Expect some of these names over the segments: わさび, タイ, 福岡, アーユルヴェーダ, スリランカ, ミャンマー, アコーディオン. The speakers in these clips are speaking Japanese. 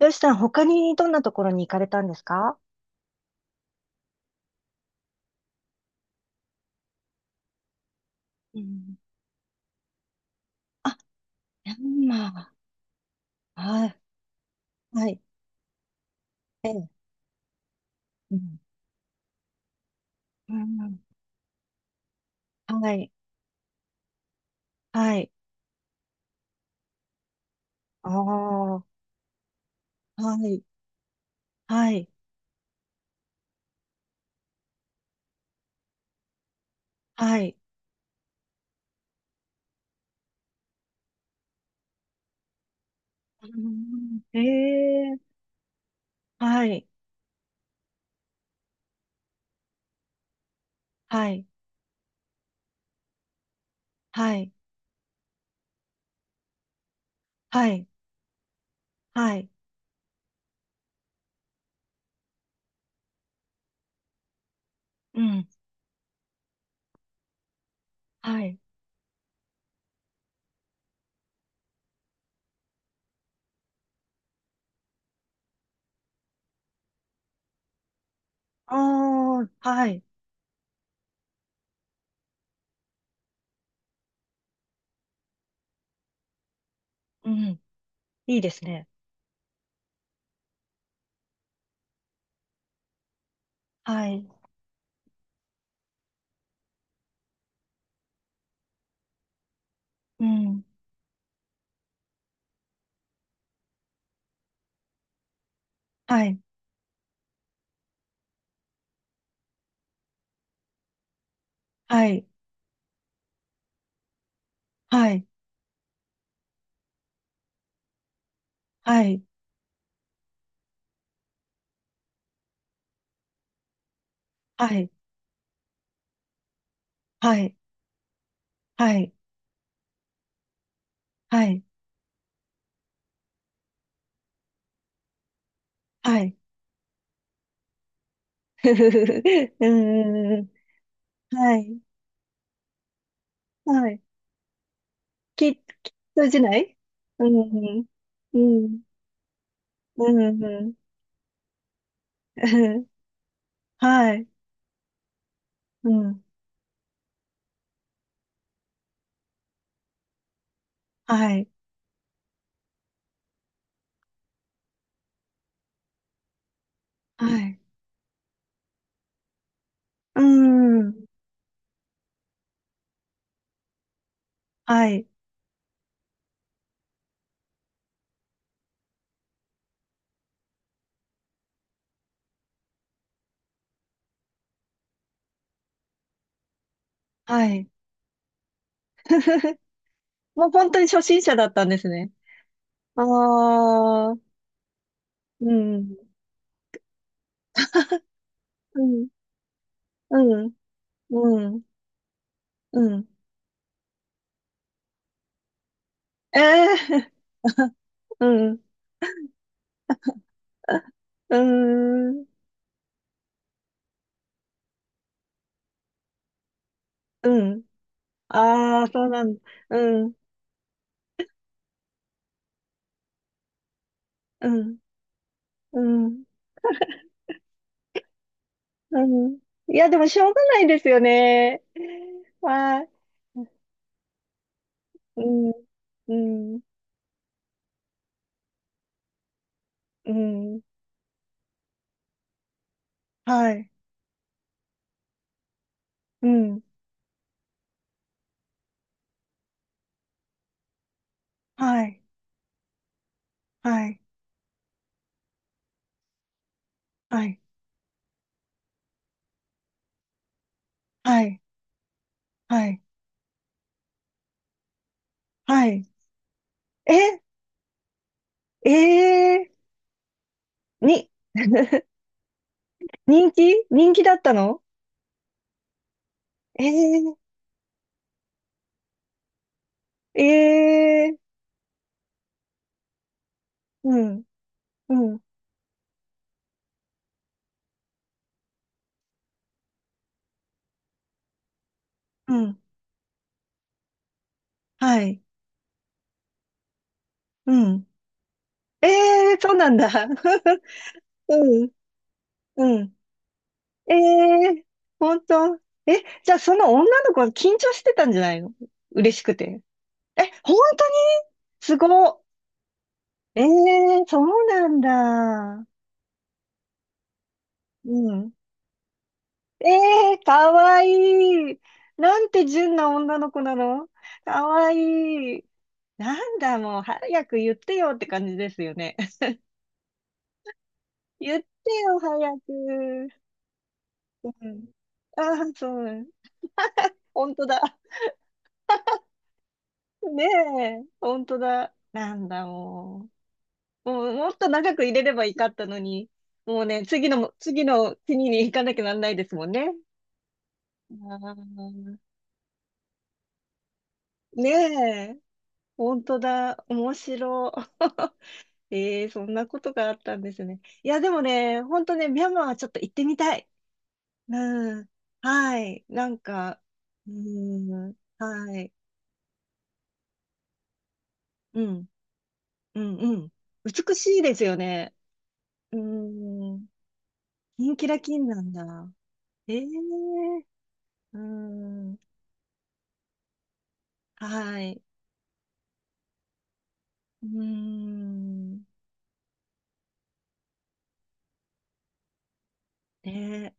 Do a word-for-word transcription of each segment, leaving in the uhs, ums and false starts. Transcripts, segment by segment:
よしさん、他にどんなところに行かれたんですか？うん、ミャンマー、はい、はい、ええ、うん、うん。はい、はい、ああ、はい、はい、はい、うん。ええ、はい、はい、はい、はい、はい、うん、はい、ああ、はい、うん。いいですね。はい、うん、はい、はい、はい、はい、はい、はい、はい、はい、はい、はい、ふふふふ、うーん。はい。はい。き、き通じない。うん。うん。うん。うん。はい。うん。はい。はい。うん。はい。はい。もう本当に初心者だったんですね。ああ、うん。うん。うん。うん。うん。ええー。 うん。うーん。うん。ああ、そうなんだ。うん。うん。うん。うん。いや、でもしょうがないですよね。はい。うん。うん。うん。はい。うん。はい。はい。はい。はい。はい。はい。え、えー、に、人気人気だったの？えー、えー、うん。うん。うん。はい。うん。えー、そうなんだ。うん。うん。ええ、本当。え、じゃあその女の子は緊張してたんじゃないの？嬉しくて。え、本当に？すごい。ええ、そうなんだ。うん。ええ、かわいい。なんて純な女の子なの。かわいい。なんだ、もう早く言ってよって感じですよね。言ってよ、早く。うん。ああ、そう。本当だ。ねえ、本当だ。なんだ、もう。もうもっと長く入れればいいかったのに、もうね、次のも、次の国に行かなきゃなんないですもんね。あー、ねえ、本当だ、面白。ええ、そんなことがあったんですね。いや、でもね、本当ね、ミャンマーはちょっと行ってみたい。うん。はい。なんか、うん。はい。うん。うん。うん。美しいですよね。うん。キンキラキンなんだ。ええ、うん。はい。うーん。ね、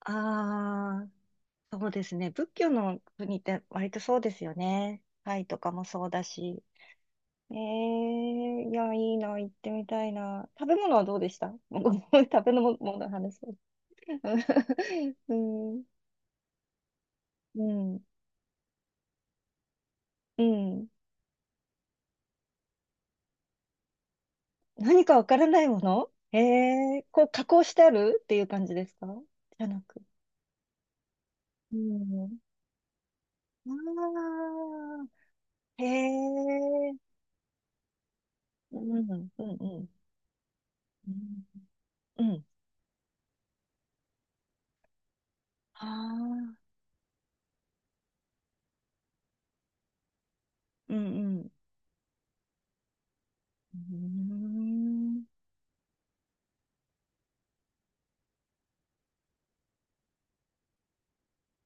ああ、そうですね。仏教の国って割とそうですよね。タイとかもそうだし。ええ、いや、いいな、行ってみたいな。食べ物はどうでした？もうごめん、食べ物の話。うん、うん、うん。何かわからないもの？ええ、こう加工してあるっていう感じですか？じゃなく。うん。ああ、へえ、うん、うん、うん。うん。うん、ああ、うんうん。うーん。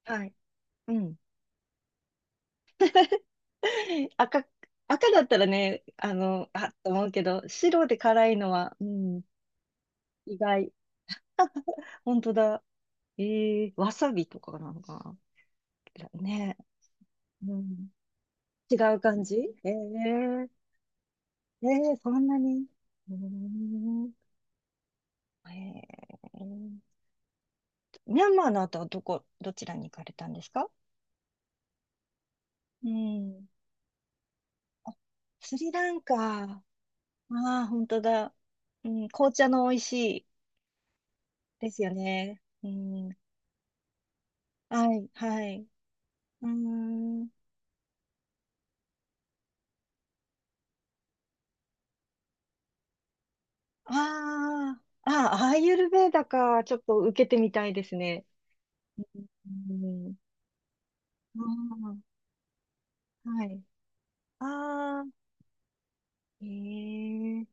はい。うん。赤、赤だったらね、あの、あ、と思うけど、白で辛いのは、うん、意外。本当だ。ええ、わさびとかなのかな。ね。うん。違う感じ？ええ、えー、そんなに。うーん。ええ、ミャンマーの後はどこ、どちらに行かれたんですか？うん。あ、スリランカ。ああ、本当だ。うん、紅茶の美味しい。ですよね。うん、はい、はい。うーん、ああ、ああ、アーユルヴェーダか。ちょっと受けてみたいですね。うん、ああ、はい。ああ、ええ、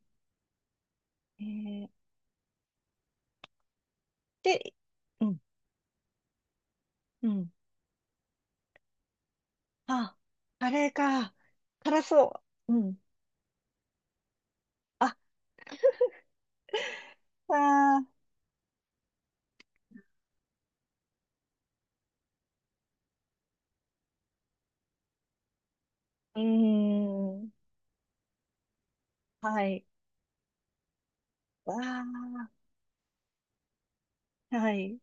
ええ。で、うん、うん。あ、あれか。辛そう。うん。あ、ああ、うーん、はい。わあ、はい。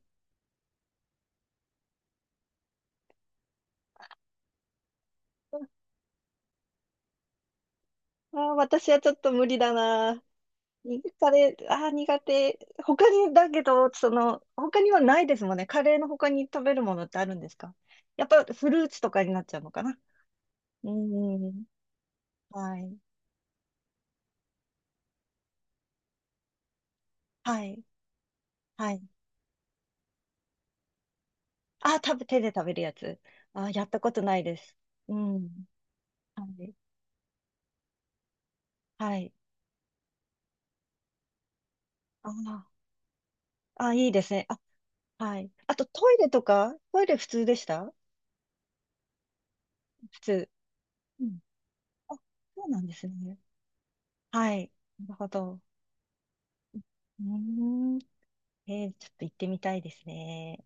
あー、私はちょっと無理だな。にカレー、あー、苦手。他に、だけど、その、他にはないですもんね。カレーの他に食べるものってあるんですか？やっぱフルーツとかになっちゃうのかな。うーん。はい。はい。はい。あー、食べ、手で食べるやつ。あー、やったことないです。うん。はい。はい。あー、あー、いいですね。あ、はい。あとトイレとかトイレ普通でした？普通。うん。あ、そうなんですね。はい。なるほど。うーん。えー、ちょっと行ってみたいですね。